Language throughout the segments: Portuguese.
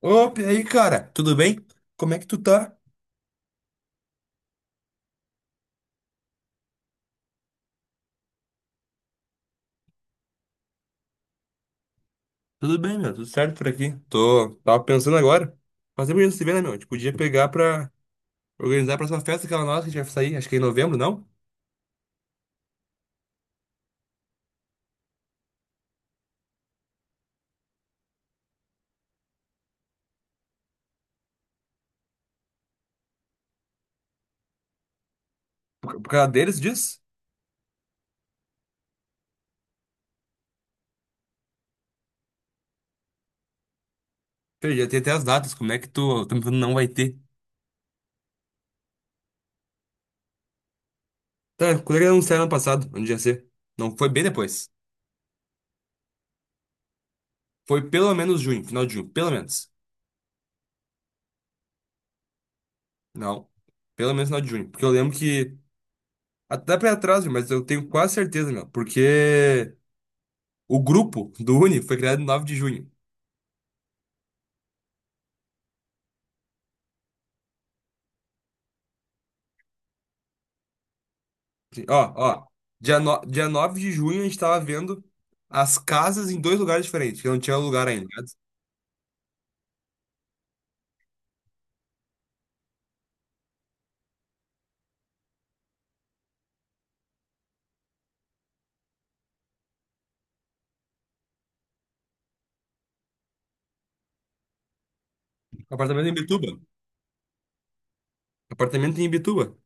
Opa, e aí, cara? Tudo bem? Como é que tu tá? Tudo bem, meu. Tudo certo por aqui. Tava pensando agora. Faz tempo que a gente não se vê, né, meu? A gente podia pegar pra organizar a próxima festa, aquela nossa que a gente vai sair, acho que é em novembro, não? Por causa deles, diz? Perdi, já tem até as datas. Como é que tu me falando não vai ter? Tá, quando é que anunciaram ano passado? Onde ia ser? Não, foi bem depois. Foi pelo menos junho, final de junho, pelo menos. Não, pelo menos final de junho. Porque eu lembro que. Até pra ir atrás, viu, mas eu tenho quase certeza, meu. Porque. O grupo do Uni foi criado no 9 de junho. Ó, ó. Dia, no... dia 9 de junho a gente tava vendo as casas em dois lugares diferentes, que não tinha lugar ainda, né? Apartamento em Bituba. Apartamento em Bituba.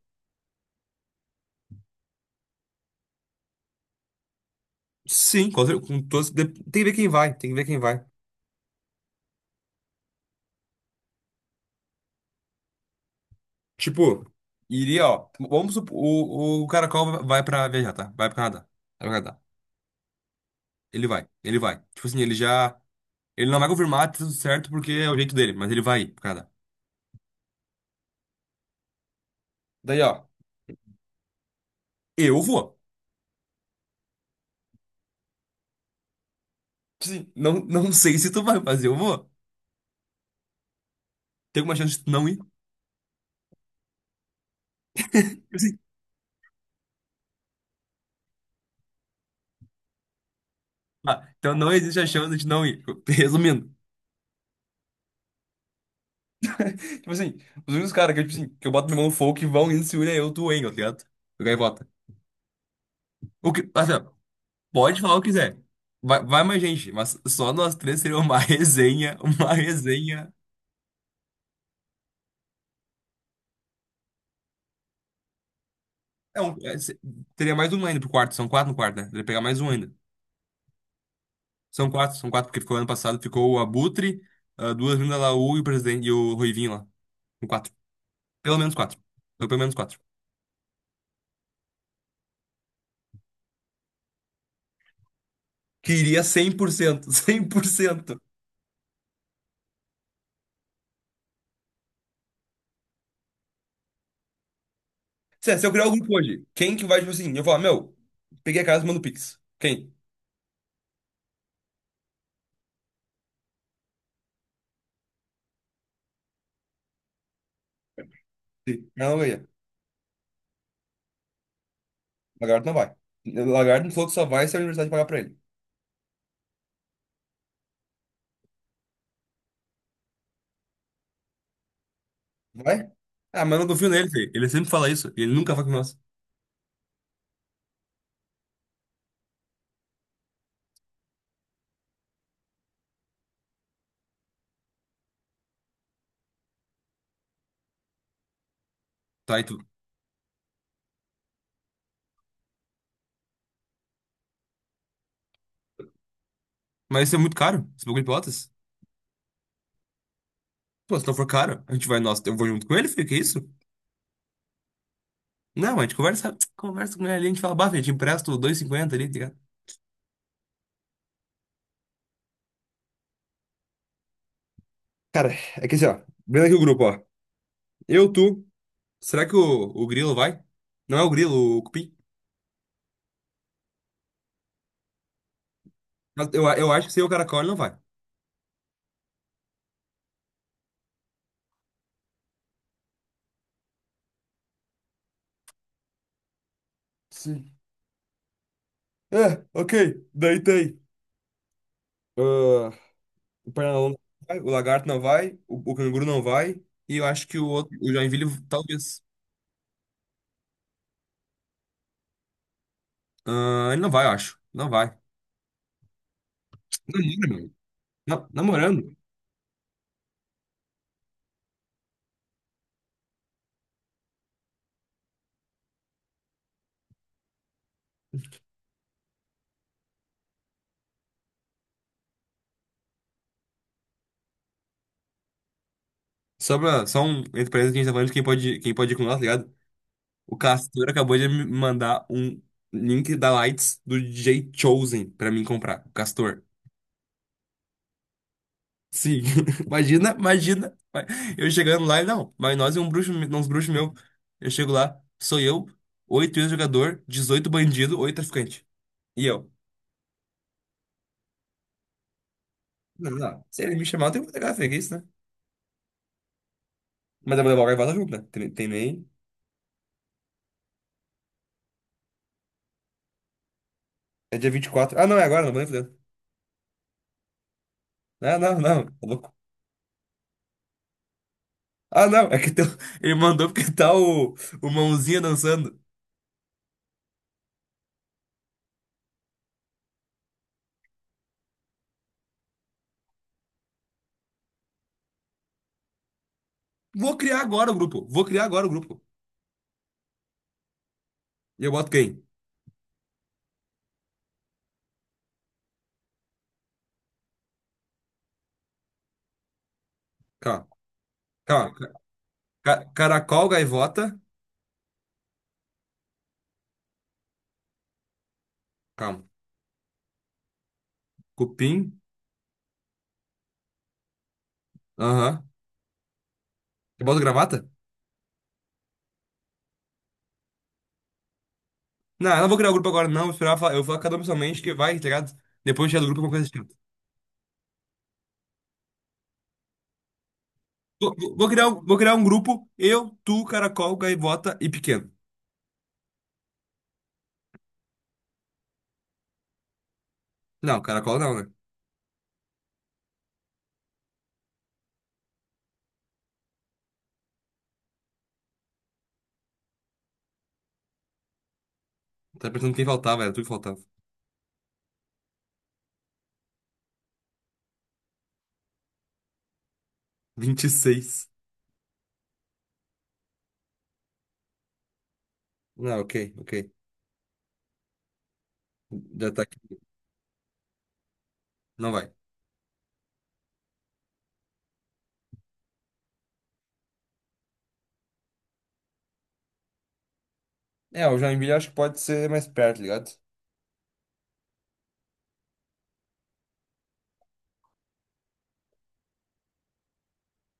Sim, com todos. Tem que ver quem vai, tem que ver quem vai. Tipo, iria, ó. Vamos supor, o Caracol vai pra viajar, tá? Vai pro Canadá. Vai pro Canadá. Ele vai, ele vai. Tipo assim, ele já. Ele não vai confirmar, tá tudo certo, porque é o jeito dele, mas ele vai ir pro Canadá. Daí, ó, eu vou. Sim, não, não sei se tu vai, mas eu vou. Tem alguma chance de tu não ir? Tipo assim. Ah, então não existe a chance de não ir. Resumindo. Tipo assim, os únicos caras que, eu, tipo assim, que eu boto minha mão no fogo que vão indo se une é eu, tu, hein, tá ligado? O gaivota. O que, assim, ó, pode falar o que quiser. Vai, vai mais gente, mas só nós três seria uma resenha, uma resenha. É um, é, se- teria mais um ainda pro quarto, são quatro no quarto, né? Teria que pegar mais um ainda. São quatro, porque ficou ano passado, ficou o Abutre, ah, duas vindas da Laú e o presidente e o Ruivinho lá. São quatro. Pelo menos quatro. Então, pelo menos quatro. Queria cem por cento 100%. Se eu criar o grupo hoje, quem que vai, tipo assim, eu falar, meu, peguei a casa e mando Pix. Quem? Sim. Não, ganha. Lagarto não vai. Lagarto falou que só vai se a universidade pagar pra ele. Vai? Ah, mas eu não confio nele, Fê. Ele sempre fala isso, e ele nunca vai com nós. Tá, e tu? Mas isso é muito caro. Esse bagulho de Pelotas. Pô, se não for caro, a gente vai, nossa, eu vou junto com ele, Fê, que isso? Não, a gente conversa, conversa com ele ali, a gente fala, bah, Fê, te empresto 2,50 ali, tá ligado? Cara, é que assim, ó. Vendo aqui o grupo, ó. Eu, tu. Será que o Grilo vai? Não é o Grilo, o Cupim? Mas eu acho que se o Caracol ele não vai. Sim. É, ok. Daí tem. Ah, o Pernalonga não vai, o Lagarto não vai, o Canguru não vai. E eu acho que o outro, o Joinville, talvez. Ah, ele não vai, eu acho. Não vai. Namora, meu. Namorando. Só, pra, só um entre parênteses que a gente tá falando de quem pode ir com nós, tá ligado? O Castor acabou de me mandar um link da Lights do DJ Chosen pra mim comprar. O Castor. Sim, imagina, imagina. Eu chegando lá, e não, vai nós e um bruxo, uns bruxos meu. Eu chego lá, sou eu, oito ex-jogador, 18 bandido, oito traficante. E eu. Não, não, se ele me chamar, eu tenho que pegar, que isso, né? Mas eu vou levar o gaivota junto, né? Tem nem. É dia 24. Ah, não, é agora, não vou nem fazer. Ah, não, não, tá louco. Ah, não, é que teu, ele mandou porque tá o mãozinha dançando. Vou criar agora o grupo, vou criar agora o grupo. E eu boto quem? Calma, calma. Caracol, gaivota, calma. Cupim. Aham. Eu boto gravata? Não, eu não vou criar o grupo agora, não. Vou esperar, eu vou cada um pessoalmente que vai, tá ligado? Depois tirar do grupo é uma coisa chata. Vou criar um grupo, eu, tu, Caracol, Gaivota e Pequeno. Não, Caracol não, né? Tá pensando quem faltava, era tu que faltava. 26. Não, ok, ok. Já tá aqui. Não vai. É, o Joinville acho que pode ser mais perto, ligado?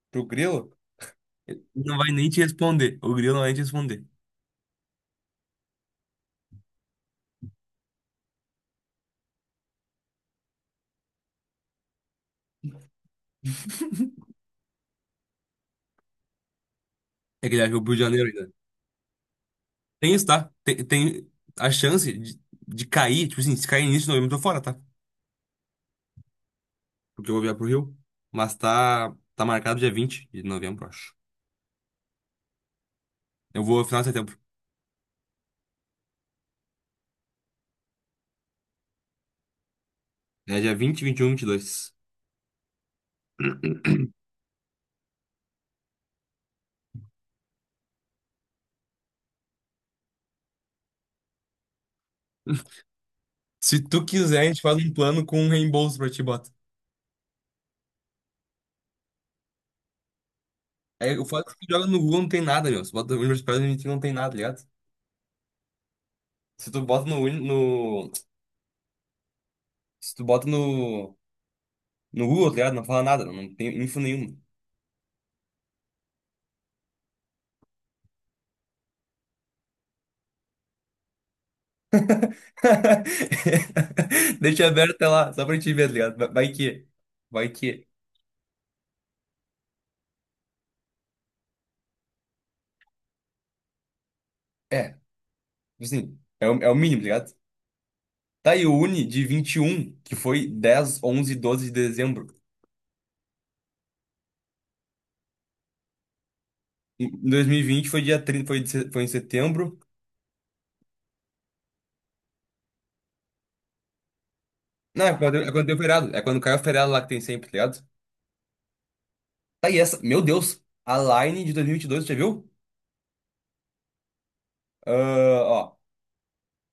Pro Grilo? Não vai nem te responder. O Grilo não vai nem te responder. É que ele acha que é o Rio de Janeiro ainda. Tem isso, tá? Tem a chance de cair, tipo assim, se cair nisso, não, eu tô fora, tá? Porque eu vou viajar pro Rio. Mas tá marcado dia 20 de novembro, acho. Eu vou final de setembro. É dia 20, 21, 22. Se tu quiser, a gente faz um plano com um reembolso pra ti, bota. É, o fato é que tu joga no Google não tem nada, meu. Se bota no Universidade a gente não tem nada, tá ligado? Se tu bota no, se tu bota no, no, Google, tá ligado? Não fala nada, não tem info nenhuma. Deixa aberto até lá, só pra gente ver, tá ligado? Vai que. Vai que. É, tipo assim, é o mínimo, tá ligado? Tá, e o Uni de 21, que foi 10, 11 e 12 de dezembro. Em 2020 foi dia 30, foi, de se- foi em setembro. Não, é quando deu feriado. É quando caiu o feriado lá que tem sempre, tá ligado? Tá, e essa, meu Deus, a Line de dois mil e vinte e dois, já viu? Ah, ó,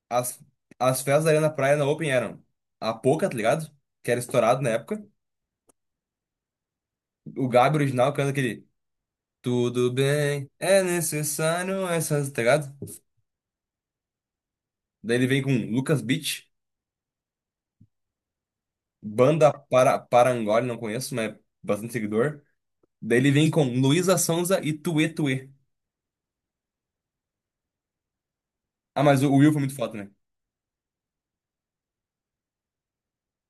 as, as festas da Arena Praia na Open eram a Poca, tá ligado? Que era estourado na época. O Gabi original canta aquele. Tudo bem, é necessário essas, tá ligado? Daí ele vem com Lucas Beach. Banda Parangolé, não conheço, mas é bastante seguidor. Daí ele vem com Luísa Sonza e Tuê Tuê. Ah, mas o Will foi muito foda, né?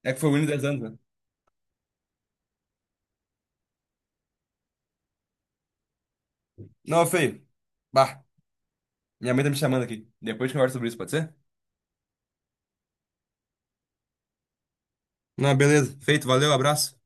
É que foi o Will em 10 anos, né? Não, é feio. Bah, minha mãe tá me chamando aqui. Depois a gente conversa sobre isso, pode ser? Não, beleza. Feito, valeu, abraço.